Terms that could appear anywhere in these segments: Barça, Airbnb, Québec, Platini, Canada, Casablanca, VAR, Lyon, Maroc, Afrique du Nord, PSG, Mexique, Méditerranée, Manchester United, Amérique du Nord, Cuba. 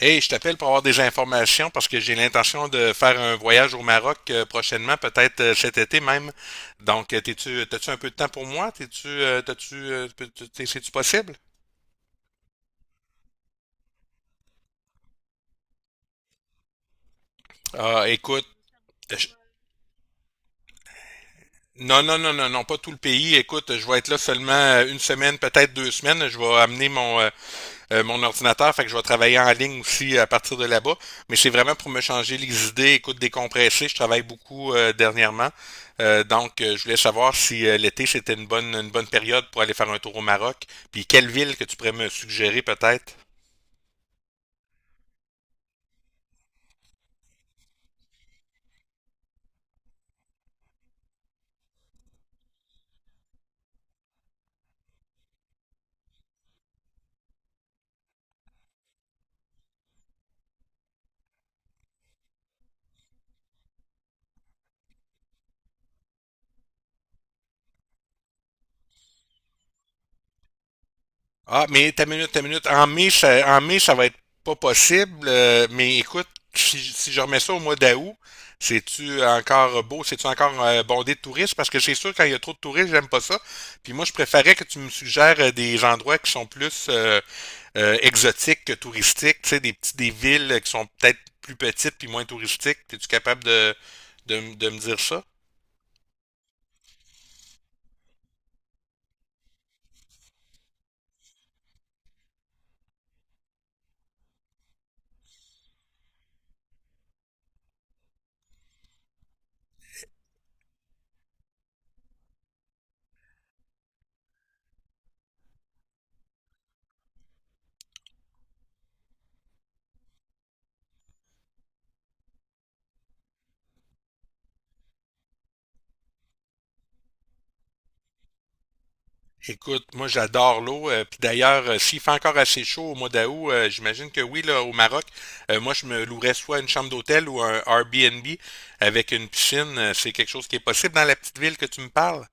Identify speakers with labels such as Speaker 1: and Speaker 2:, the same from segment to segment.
Speaker 1: Hey, je t'appelle pour avoir des informations parce que j'ai l'intention de faire un voyage au Maroc prochainement, peut-être cet été même. Donc, t'as-tu un peu de temps pour moi? T'es-tu, t'as-tu, peux- t'es- C'est-tu possible? Ah, écoute, je- non, non, non, non, non, pas tout le pays. Écoute, je vais être là seulement une semaine, peut-être 2 semaines. Je vais amener mon ordinateur, fait que je vais travailler en ligne aussi à partir de là-bas. Mais c'est vraiment pour me changer les idées, écoute, décompresser. Je travaille beaucoup dernièrement. Donc, je voulais savoir si l'été, c'était une bonne période pour aller faire un tour au Maroc. Puis, quelle ville que tu pourrais me suggérer peut-être? Ah, mais ta minute, ta minute. En mai, ça va être pas possible. Mais écoute, si je remets ça au mois d'août, c'est-tu encore beau? C'est-tu encore bondé de touristes? Parce que c'est sûr, quand il y a trop de touristes, j'aime pas ça. Puis moi, je préférais que tu me suggères des endroits qui sont plus exotiques que touristiques. Tu sais, des villes qui sont peut-être plus petites puis moins touristiques. Es-tu capable de me dire ça? Écoute, moi j'adore l'eau. Puis d'ailleurs, s'il fait encore assez chaud au mois d'août, j'imagine que oui, là, au Maroc, moi je me louerais soit une chambre d'hôtel ou un Airbnb avec une piscine. C'est quelque chose qui est possible dans la petite ville que tu me parles?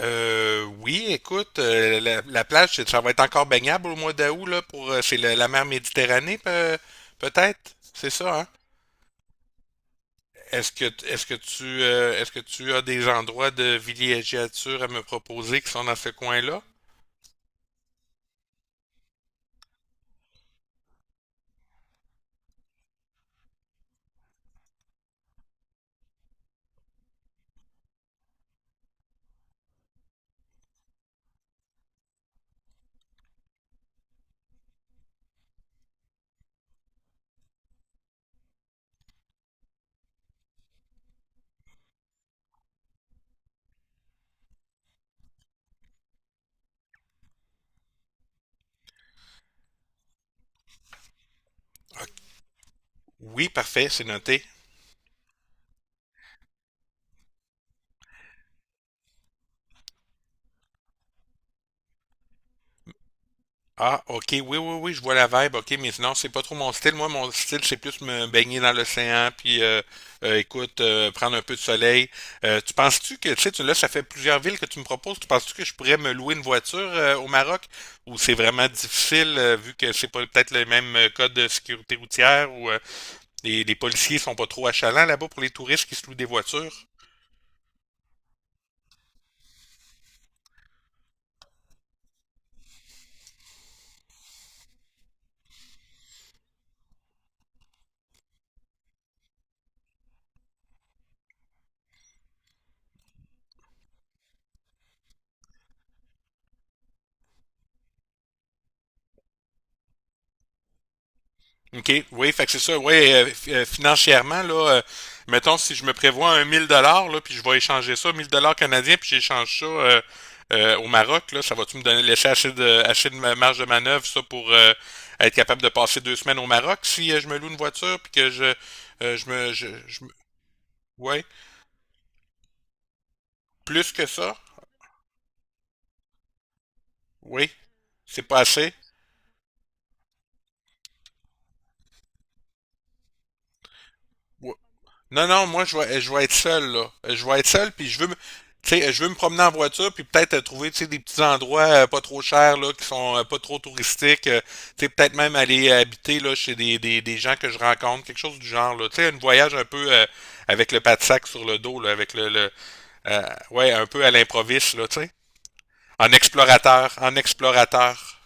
Speaker 1: Oui, écoute, la plage, ça va être encore baignable au mois d'août, là, pour, c'est la mer Méditerranée, peut-être? C'est ça, hein? Est-ce que tu as des endroits de villégiature à me proposer qui sont dans ce coin-là? Ok. Oui, parfait, c'est noté. Ah, ok, oui, oui, oui, je vois la vibe, ok, mais sinon, c'est pas trop mon style. Moi, mon style, c'est plus me baigner dans l'océan, puis écoute, prendre un peu de soleil. Tu penses-tu que, tu sais, là, ça fait plusieurs villes que tu me proposes, tu penses-tu que je pourrais me louer une voiture au Maroc, ou c'est vraiment difficile, vu que c'est pas peut-être le même code de sécurité routière, ou les policiers sont pas trop achalants là-bas pour les touristes qui se louent des voitures? OK, oui, fait que c'est ça. Oui, financièrement, là, mettons si je me prévois un 1000 dollars, là, puis je vais échanger ça, 1 000 $ canadiens, puis j'échange ça au Maroc, là, ça va-tu me donner laisser assez de marge de manœuvre, ça, pour être capable de passer 2 semaines au Maroc si je me loue une voiture, puis que je, euh, je me, je, je me- ouais, plus que ça, oui, c'est pas assez. Ouais. Non, non, moi, je vais être seul, là. Je vais être seul, puis tu sais, je veux me promener en voiture, puis peut-être trouver, tu sais, des petits endroits pas trop chers, là, qui sont pas trop touristiques. Tu sais, peut-être même aller habiter, là, chez des gens que je rencontre, quelque chose du genre, là. Tu sais, un voyage un peu avec le pas de sac sur le dos, là, avec le euh, ouais, un peu à l'improviste, là, tu sais. En explorateur, en explorateur.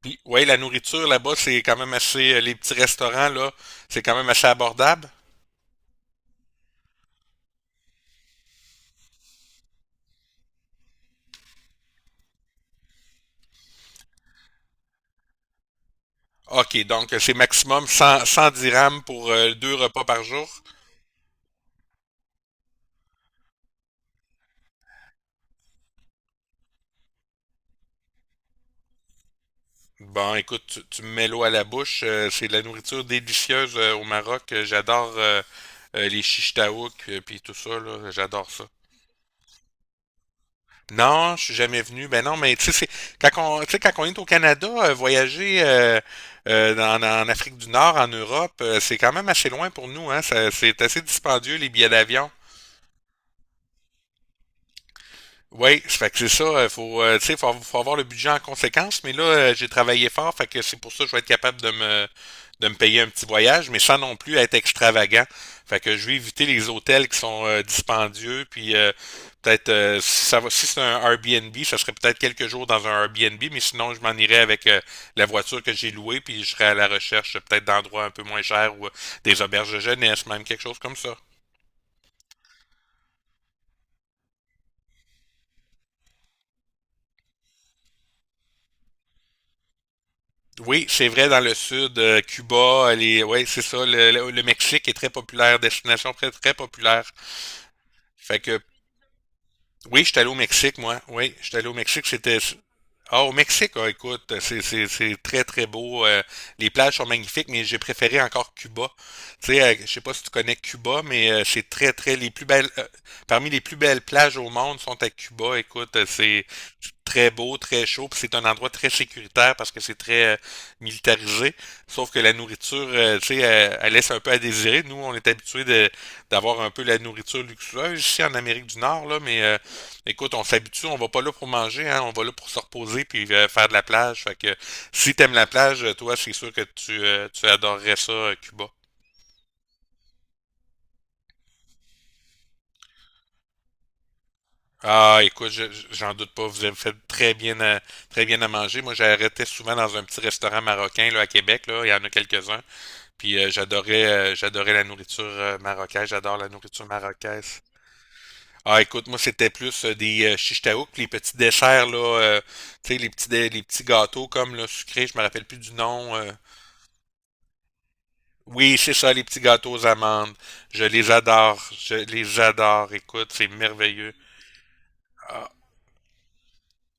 Speaker 1: Puis, ouais, la nourriture là-bas, c'est quand même assez, les petits restaurants, là, c'est quand même assez abordable. OK, donc c'est maximum 100 dirhams pour deux repas par jour. Bon, écoute, tu me mets l'eau à la bouche. C'est de la nourriture délicieuse au Maroc. J'adore les chichtaouk et puis tout ça, là. J'adore ça. Non, je suis jamais venu. Ben non, mais tu sais, quand on, tu sais, quand on est au Canada, voyager en Afrique du Nord, en Europe, c'est quand même assez loin pour nous, hein. C'est assez dispendieux, les billets d'avion. Oui, ça fait que c'est ça, il faut, tu sais, faut avoir le budget en conséquence, mais là, j'ai travaillé fort, fait que c'est pour ça que je vais être capable de me payer un petit voyage, mais sans non plus être extravagant. Fait que je vais éviter les hôtels qui sont dispendieux, puis peut-être, si ça va, si c'est un Airbnb, ça serait peut-être quelques jours dans un Airbnb, mais sinon, je m'en irais avec la voiture que j'ai louée, puis je serais à la recherche peut-être d'endroits un peu moins chers ou des auberges de jeunesse, même quelque chose comme ça. Oui, c'est vrai, dans le sud, Cuba, les, ouais, c'est ça, le Mexique est très populaire, destination très, très populaire. Fait que oui, j'étais allé au Mexique, moi. Oui, j'étais allé au Mexique. C'était. Ah, au Mexique, ah, écoute, c'est très, très beau. Les plages sont magnifiques, mais j'ai préféré encore Cuba. Tu sais, je sais pas si tu connais Cuba, mais c'est très, très. Les plus belles. Parmi les plus belles plages au monde sont à Cuba. Écoute, c'est très beau, très chaud, puis c'est un endroit très sécuritaire parce que c'est très militarisé. Sauf que la nourriture, tu sais, elle laisse un peu à désirer. Nous, on est habitués d'avoir un peu la nourriture luxueuse ici en Amérique du Nord, là, mais écoute, on s'habitue, on va pas là pour manger, hein, on va là pour se reposer puis faire de la plage. Fait que si t'aimes la plage, toi, c'est sûr que tu adorerais ça, Cuba. Ah, écoute, j'en doute pas, vous avez fait très bien à manger. Moi, j'arrêtais souvent dans un petit restaurant marocain là à Québec, là, il y en a quelques-uns. Puis j'adorais la nourriture marocaine, j'adore la nourriture marocaise. Ah, écoute, moi, c'était plus des shish taouk, les petits desserts là, tu sais, les petits gâteaux comme là, sucrés, je me rappelle plus du nom. Oui, c'est ça, les petits gâteaux aux amandes. Je les adore. Je les adore. Écoute, c'est merveilleux. Ah,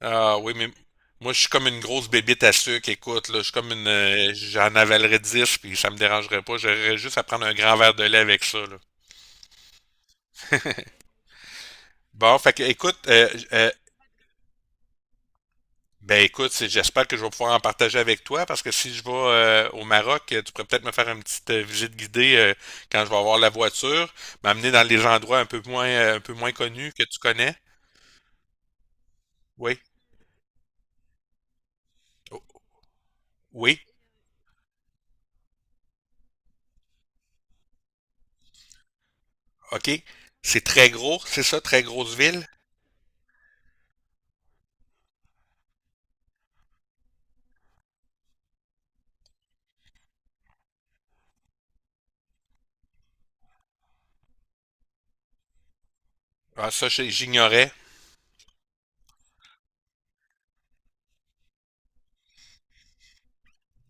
Speaker 1: ah oui, mais moi, je suis comme une grosse bébite à sucre. Écoute, là, je suis comme une. J'en avalerais 10 puis ça me dérangerait pas. J'aurais juste à prendre un grand verre de lait avec ça, là. Bon, fait que, écoute, ben écoute, j'espère que je vais pouvoir en partager avec toi parce que si je vais au Maroc, tu pourrais peut-être me faire une petite visite guidée quand je vais avoir la voiture, m'amener dans les endroits un peu moins connus que tu connais. Oui. Oh. Oui, OK. C'est très gros, c'est ça, très grosse ville? Ah, ça, j'ignorais.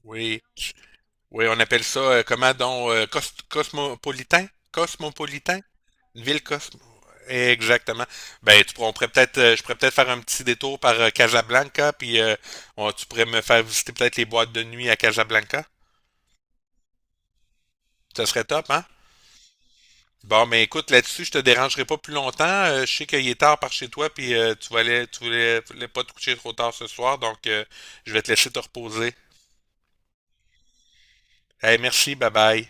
Speaker 1: Oui. Oui, on appelle ça, comment donc, cosmopolitain? Cosmopolitain? Une ville cosmo. Exactement. Ben, on pourrait peut-être, je pourrais peut-être faire un petit détour par Casablanca, puis tu pourrais me faire visiter peut-être les boîtes de nuit à Casablanca. Ça serait top, hein? Bon, mais écoute, là-dessus, je te dérangerai pas plus longtemps. Je sais qu'il est tard par chez toi, puis tu voulais pas te coucher trop tard ce soir, donc je vais te laisser te reposer. Hey, merci, bye bye.